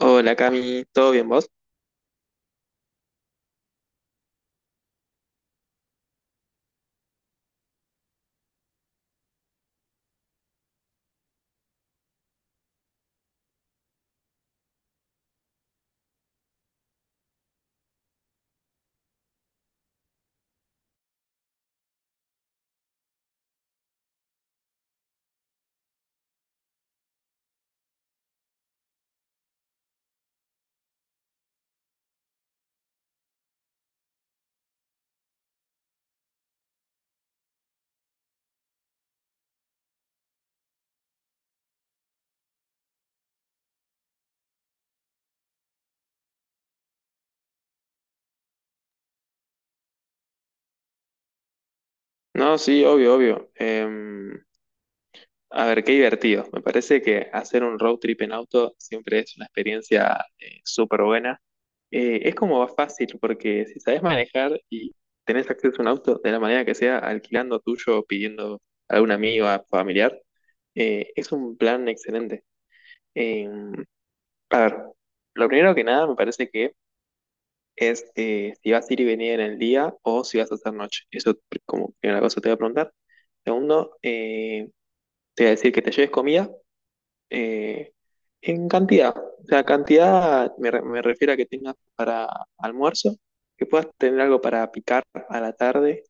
Hola Cami, ¿todo bien vos? No, sí, obvio, obvio. A ver, qué divertido. Me parece que hacer un road trip en auto siempre es una experiencia súper buena. Es como más fácil porque si sabes manejar y tenés acceso a un auto de la manera que sea, alquilando tuyo, pidiendo a algún amigo, a familiar, es un plan excelente. Em, a ver, lo primero que nada me parece que es si vas a ir y venir en el día o si vas a hacer noche. Como primera cosa te voy a preguntar. Segundo, te voy a decir que te lleves comida eh, en cantidad. O sea, me refiero a que tengas para almuerzo, que puedas tener algo para picar a la tarde,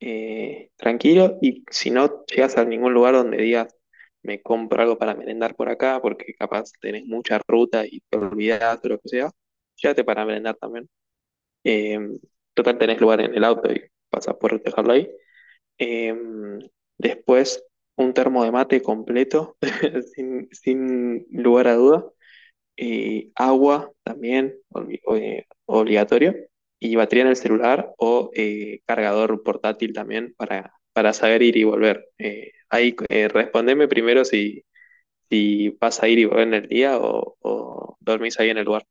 tranquilo, y si no llegas a ningún lugar donde digas, me compro algo para merendar por acá, porque capaz tenés mucha ruta y te olvidás o lo que sea, llévate para merendar también. Eh, total, tenés lugar en el auto y vas a poder dejarlo ahí. Eh, después, un termo de mate completo, sin lugar a duda. Agua también, obligatorio. Y batería en el celular o cargador portátil también para saber ir y volver. Ahí Respondeme primero si, si vas a ir y volver en el día o dormís ahí en el lugar.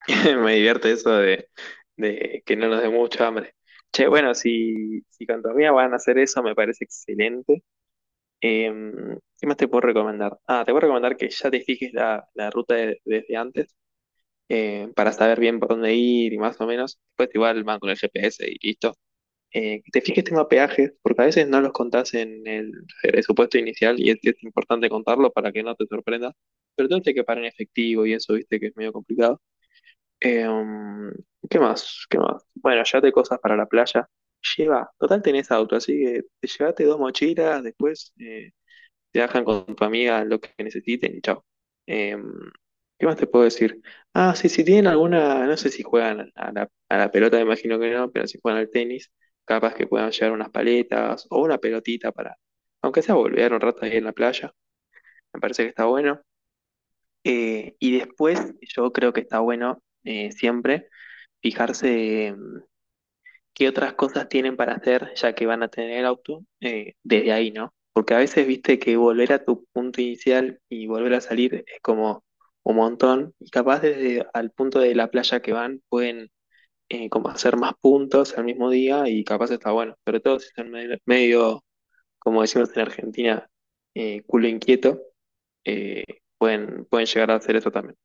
Me divierte eso de que no nos dé mucha hambre. Che, bueno, si, si con tu amiga van a hacer eso, me parece excelente. ¿Qué más te puedo recomendar? Ah, te puedo recomendar que ya te fijes la desde antes para saber bien por dónde ir y más o menos. Después igual van con el GPS y listo. Que te fijes tema peajes, porque a veces no los contás en el presupuesto inicial y es importante contarlo para que no te sorprendas. Pero entonces que pagar en efectivo y eso, viste, que es medio complicado. Em, ¿Qué más? ¿Qué más? Bueno, llévate cosas para la playa. Lleva, total tenés auto, así que te llévate dos mochilas, después te dejan con tu amiga lo que necesiten y chao. Em, ¿Qué más te puedo decir? Ah, sí, si tienen alguna, no sé si juegan a a la pelota, me imagino que no, pero si juegan al tenis, capaz que puedan llevar unas paletas o una pelotita para, aunque sea volver un rato ahí en la playa, me parece que está bueno. Y después, yo creo que está bueno siempre fijarse qué otras cosas tienen para hacer ya que van a tener el auto desde ahí, ¿no? Porque a veces viste que volver a tu punto inicial y volver a salir es como un montón y capaz desde al punto de la playa que van pueden como hacer más puntos al mismo día y capaz está bueno, sobre todo si están medio, medio, como decimos en Argentina, culo inquieto, eh, pueden, pueden llegar a hacer eso también.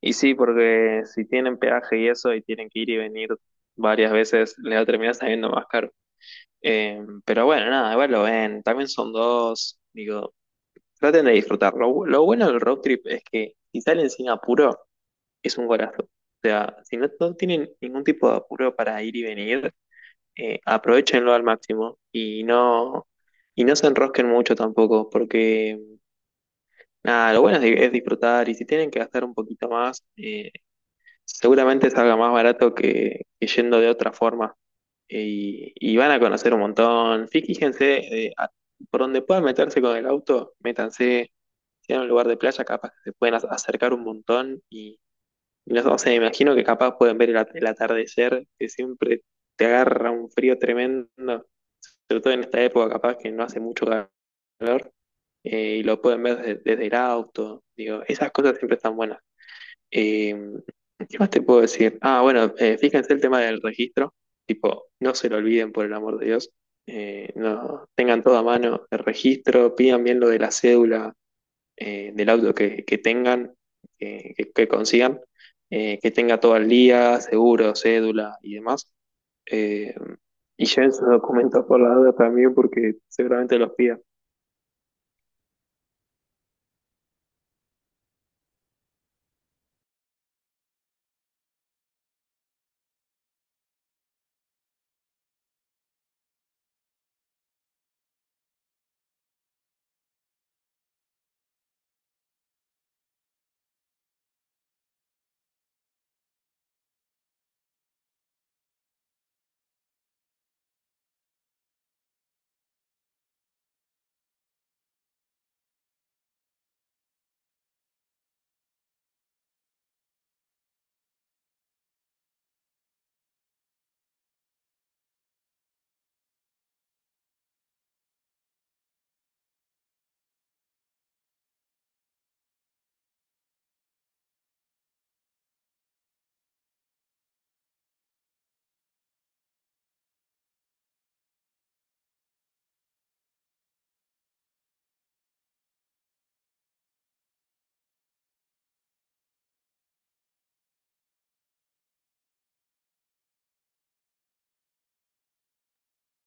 Y sí, porque si tienen peaje y eso y tienen que ir y venir varias veces, les va a terminar saliendo más caro. Pero bueno, nada, igual lo ven, también son dos, digo, traten de disfrutar. Lo bueno del road trip es que si salen sin apuro, es un golazo. O sea, si no, no tienen ningún tipo de apuro para ir y venir, aprovechenlo al máximo y no se enrosquen mucho tampoco, porque nada, lo bueno es, di- es disfrutar y si tienen que gastar un poquito más, seguramente salga más barato que yendo de otra forma. Y van a conocer un montón. Fíjense, por donde puedan meterse con el auto, métanse. Si en un lugar de playa, capaz que se pueden acercar un montón. Y no sé, me imagino que capaz pueden ver el atardecer, que siempre te agarra un frío tremendo. Sobre todo en esta época, capaz que no hace mucho calor. Eh, y lo pueden ver desde el auto. Digo, esas cosas siempre están buenas. Eh, ¿Qué más te puedo decir? Ah, bueno, fíjense el tema del registro. Tipo, no se lo olviden por el amor de Dios. No, tengan todo a mano el registro, pidan bien lo de la cédula del auto que tengan, que consigan, que tenga todo al día, seguro, cédula y demás. Eh, y lleven sus documentos por la duda también porque seguramente los pidan.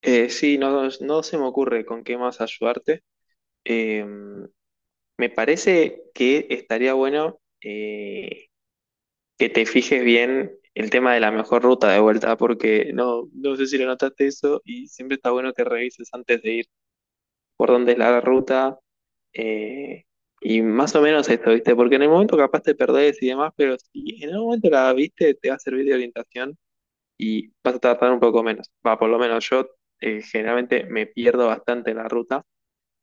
Sí, no, no se me ocurre con qué más ayudarte. Eh, Me parece que estaría bueno que te fijes bien el tema de la mejor ruta de vuelta, porque no, no sé si lo notaste eso y siempre está bueno que revises antes de ir por dónde es la ruta eh, y más o menos esto, ¿viste? Porque en el momento capaz te perdés y demás, pero si en el momento la viste, te va a servir de orientación y vas a tardar un poco menos. Va, por lo menos yo generalmente me pierdo bastante en la ruta.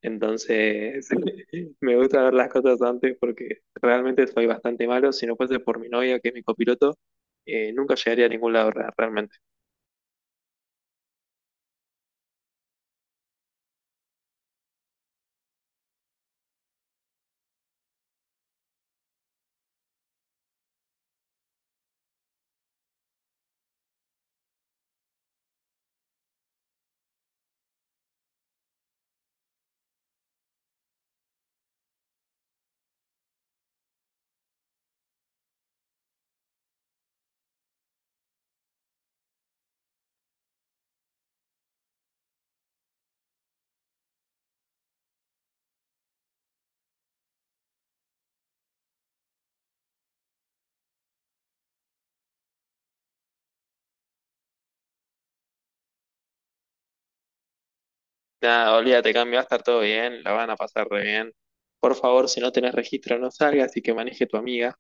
Entonces, me gusta ver las cosas antes porque realmente soy bastante malo. Si no fuese por mi novia, que es mi copiloto, nunca llegaría a ningún lado realmente. Nada, olvídate, cambio, va a estar todo bien, la van a pasar re bien. Por favor, si no tenés registro, no salgas y que maneje tu amiga,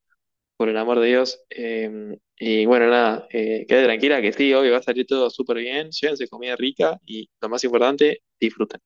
por el amor de Dios. Y bueno, nada, quédate tranquila que sí, hoy va a salir todo súper bien. Llévense comida rica y lo más importante, disfruten.